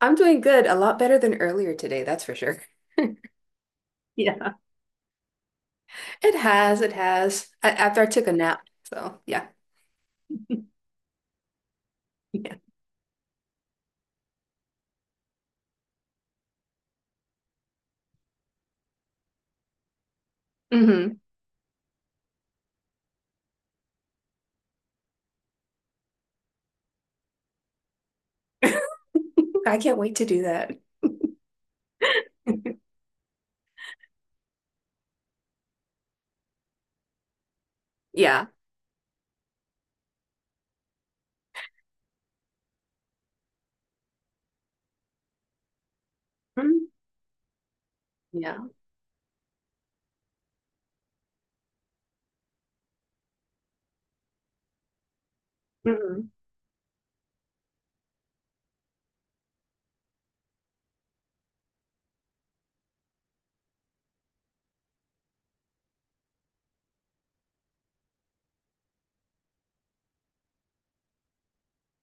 I'm doing good, a lot better than earlier today, that's for sure. Yeah. It has, it has. After I took a nap. So, yeah. Yeah. hmm I can't wait to do that. Yeah. Mm, yeah. hmm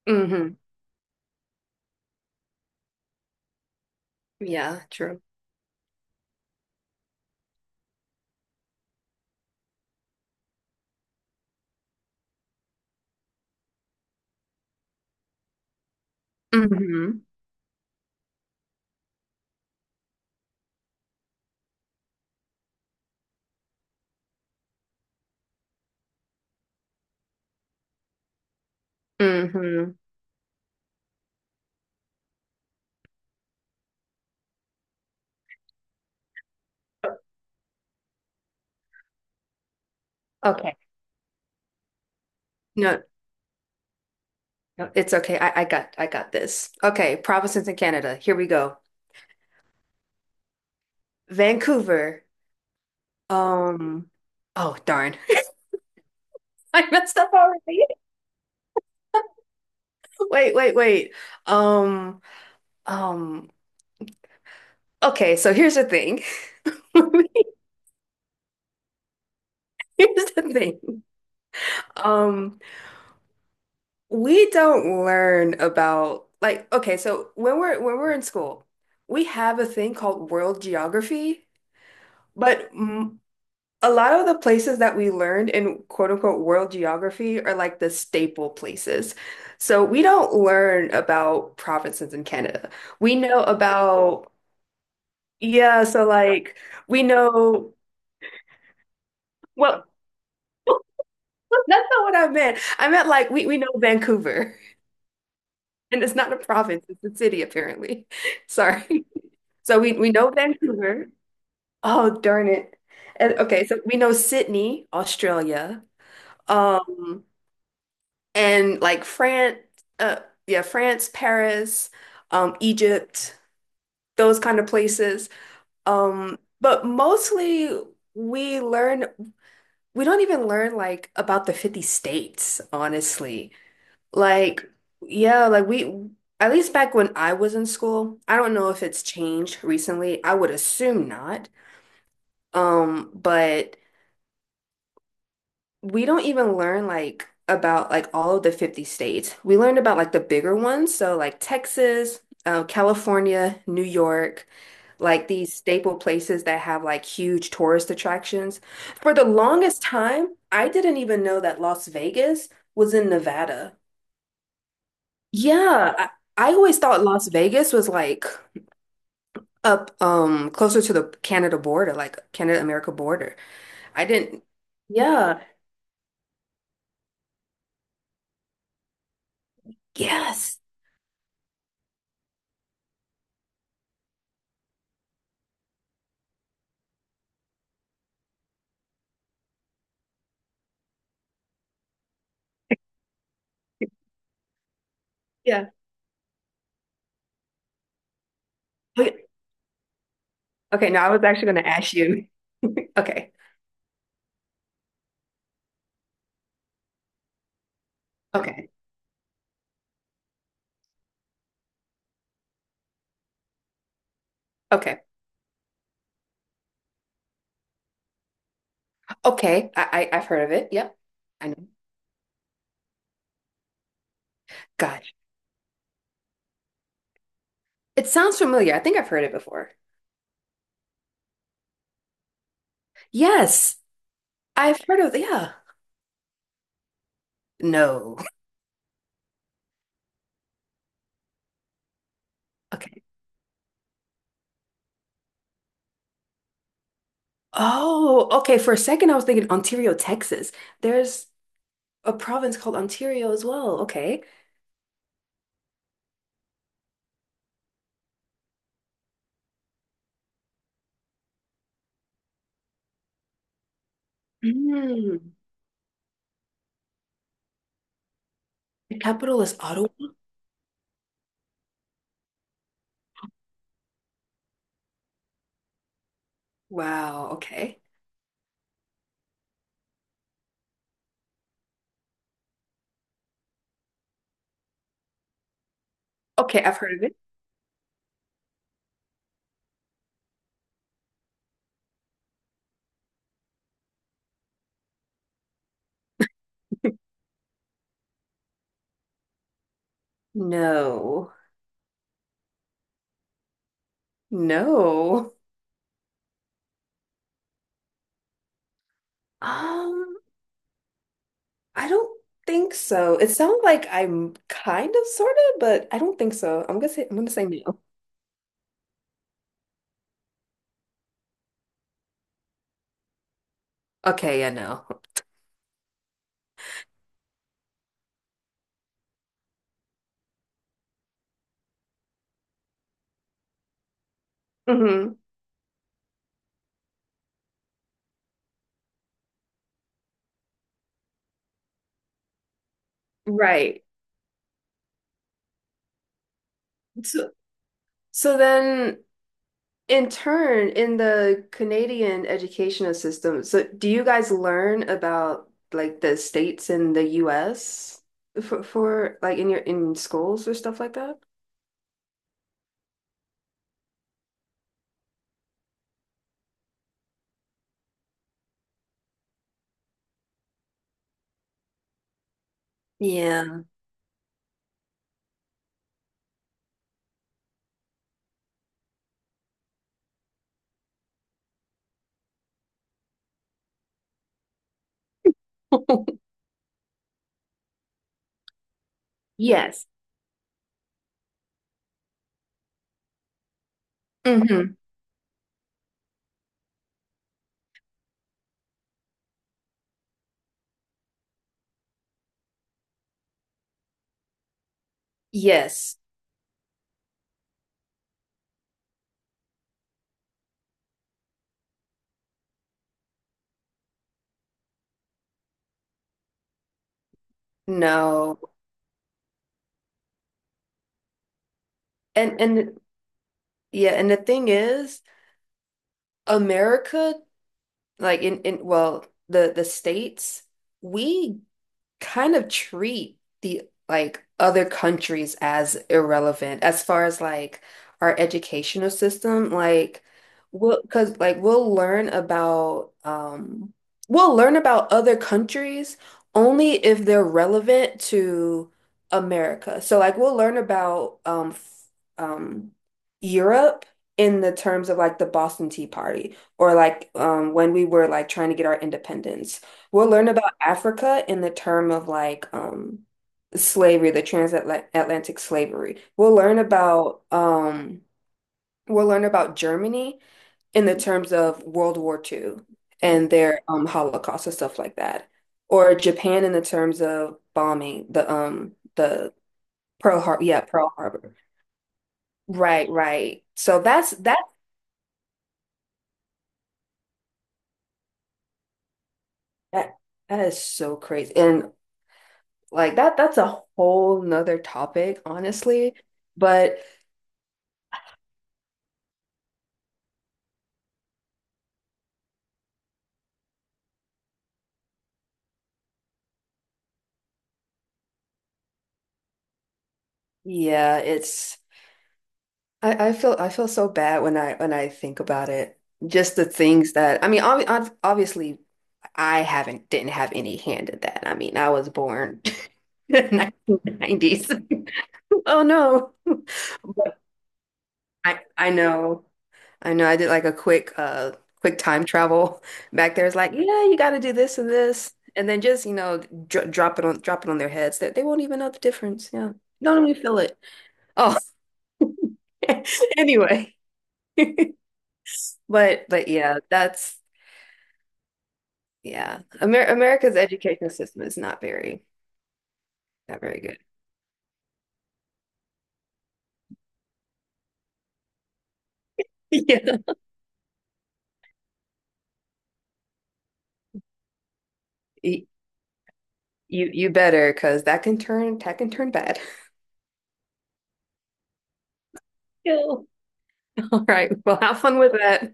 hmm Yeah, true. Hmm hmm Okay. No, no, it's okay. I got this. Okay, provinces in Canada. Here we go. Vancouver. Um, oh darn. I messed up already. Wait. Um, Um, okay, so here's the thing. Here's the thing. Um, we don't learn about, like, okay, so when we're in school, we have a thing called world geography, but a lot of the places that we learned in quote unquote world geography are like the staple places. So we don't learn about provinces in Canada. We know about, yeah, so like we know, well, that's not what I meant. I meant like we know Vancouver, and it's not a province, it's a city apparently. Sorry. So we know Vancouver. Oh, darn it. And, okay, so we know Sydney, Australia, um, and like France, uh, yeah, France, Paris, Egypt, those kind of places. But mostly we learn, we don't even learn like about the 50 states, honestly. Like, yeah, like we, at least back when I was in school, I don't know if it's changed recently. I would assume not. But we don't even learn like about like all of the 50 states. We learned about like the bigger ones, so like Texas, California, New York, like these staple places that have like huge tourist attractions. For the longest time, I didn't even know that Las Vegas was in Nevada. Yeah, I always thought Las Vegas was like up closer to the Canada border, like Canada America border. I didn't. Yeah. Yes. Yeah. Okay. Okay, now I was actually going to ask you. Okay. Okay. Okay. Okay. I've heard of it. Yep. I know. Gosh. It sounds familiar. I think I've heard it before. Yes. I've heard of, yeah. No. Okay. Oh, okay. For a second I was thinking Ontario, Texas. There's a province called Ontario as well. Okay. Mm. The capital is Ottawa? Wow, okay. Okay, I've heard of it. No. No. Um, I don't think so. It sounds like I'm kind of sort of, but I don't think so. I'm gonna say no. Okay, yeah, no. hmm Right. So so then, in the Canadian educational system, so do you guys learn about like the states in the US for like in your in schools or stuff like that? Yeah. Yes. hmm Yes. No. And yeah, and the thing is, America, like in, well, the states, we kind of treat the, like, other countries as irrelevant as far as like our educational system, like we'll because like we'll learn about other countries only if they're relevant to America, so like we'll learn about um Europe in the terms of like the Boston Tea Party or like when we were like trying to get our independence. We'll learn about Africa in the term of like slavery, the transatlantic slavery. We'll learn about Germany in the terms of World War Two and their Holocaust and stuff like that. Or Japan in the terms of bombing, the Pearl Harbor, yeah, Pearl Harbor. Right, right. So that's that, that that is so crazy. And like that that's a whole nother topic, honestly. But yeah, it's, I feel so bad when I think about it. Just the things that I mean, obviously I haven't didn't have any hand in that. I mean, I was born in 1990s. Oh no. But I know. I know I did like a quick quick time travel back there. It's like, yeah, you got to do this and this and then, just, you know, dr drop it on, drop it on their heads, that they won't even know the difference. Yeah. Don't even feel it. Oh, anyway. But yeah, that's, yeah, Amer America's education system is not very, not very good. Yeah. Y- You you better, because that can turn, that can turn bad. Yeah. All right. Well, have fun with that.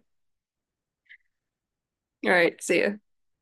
All right. See ya.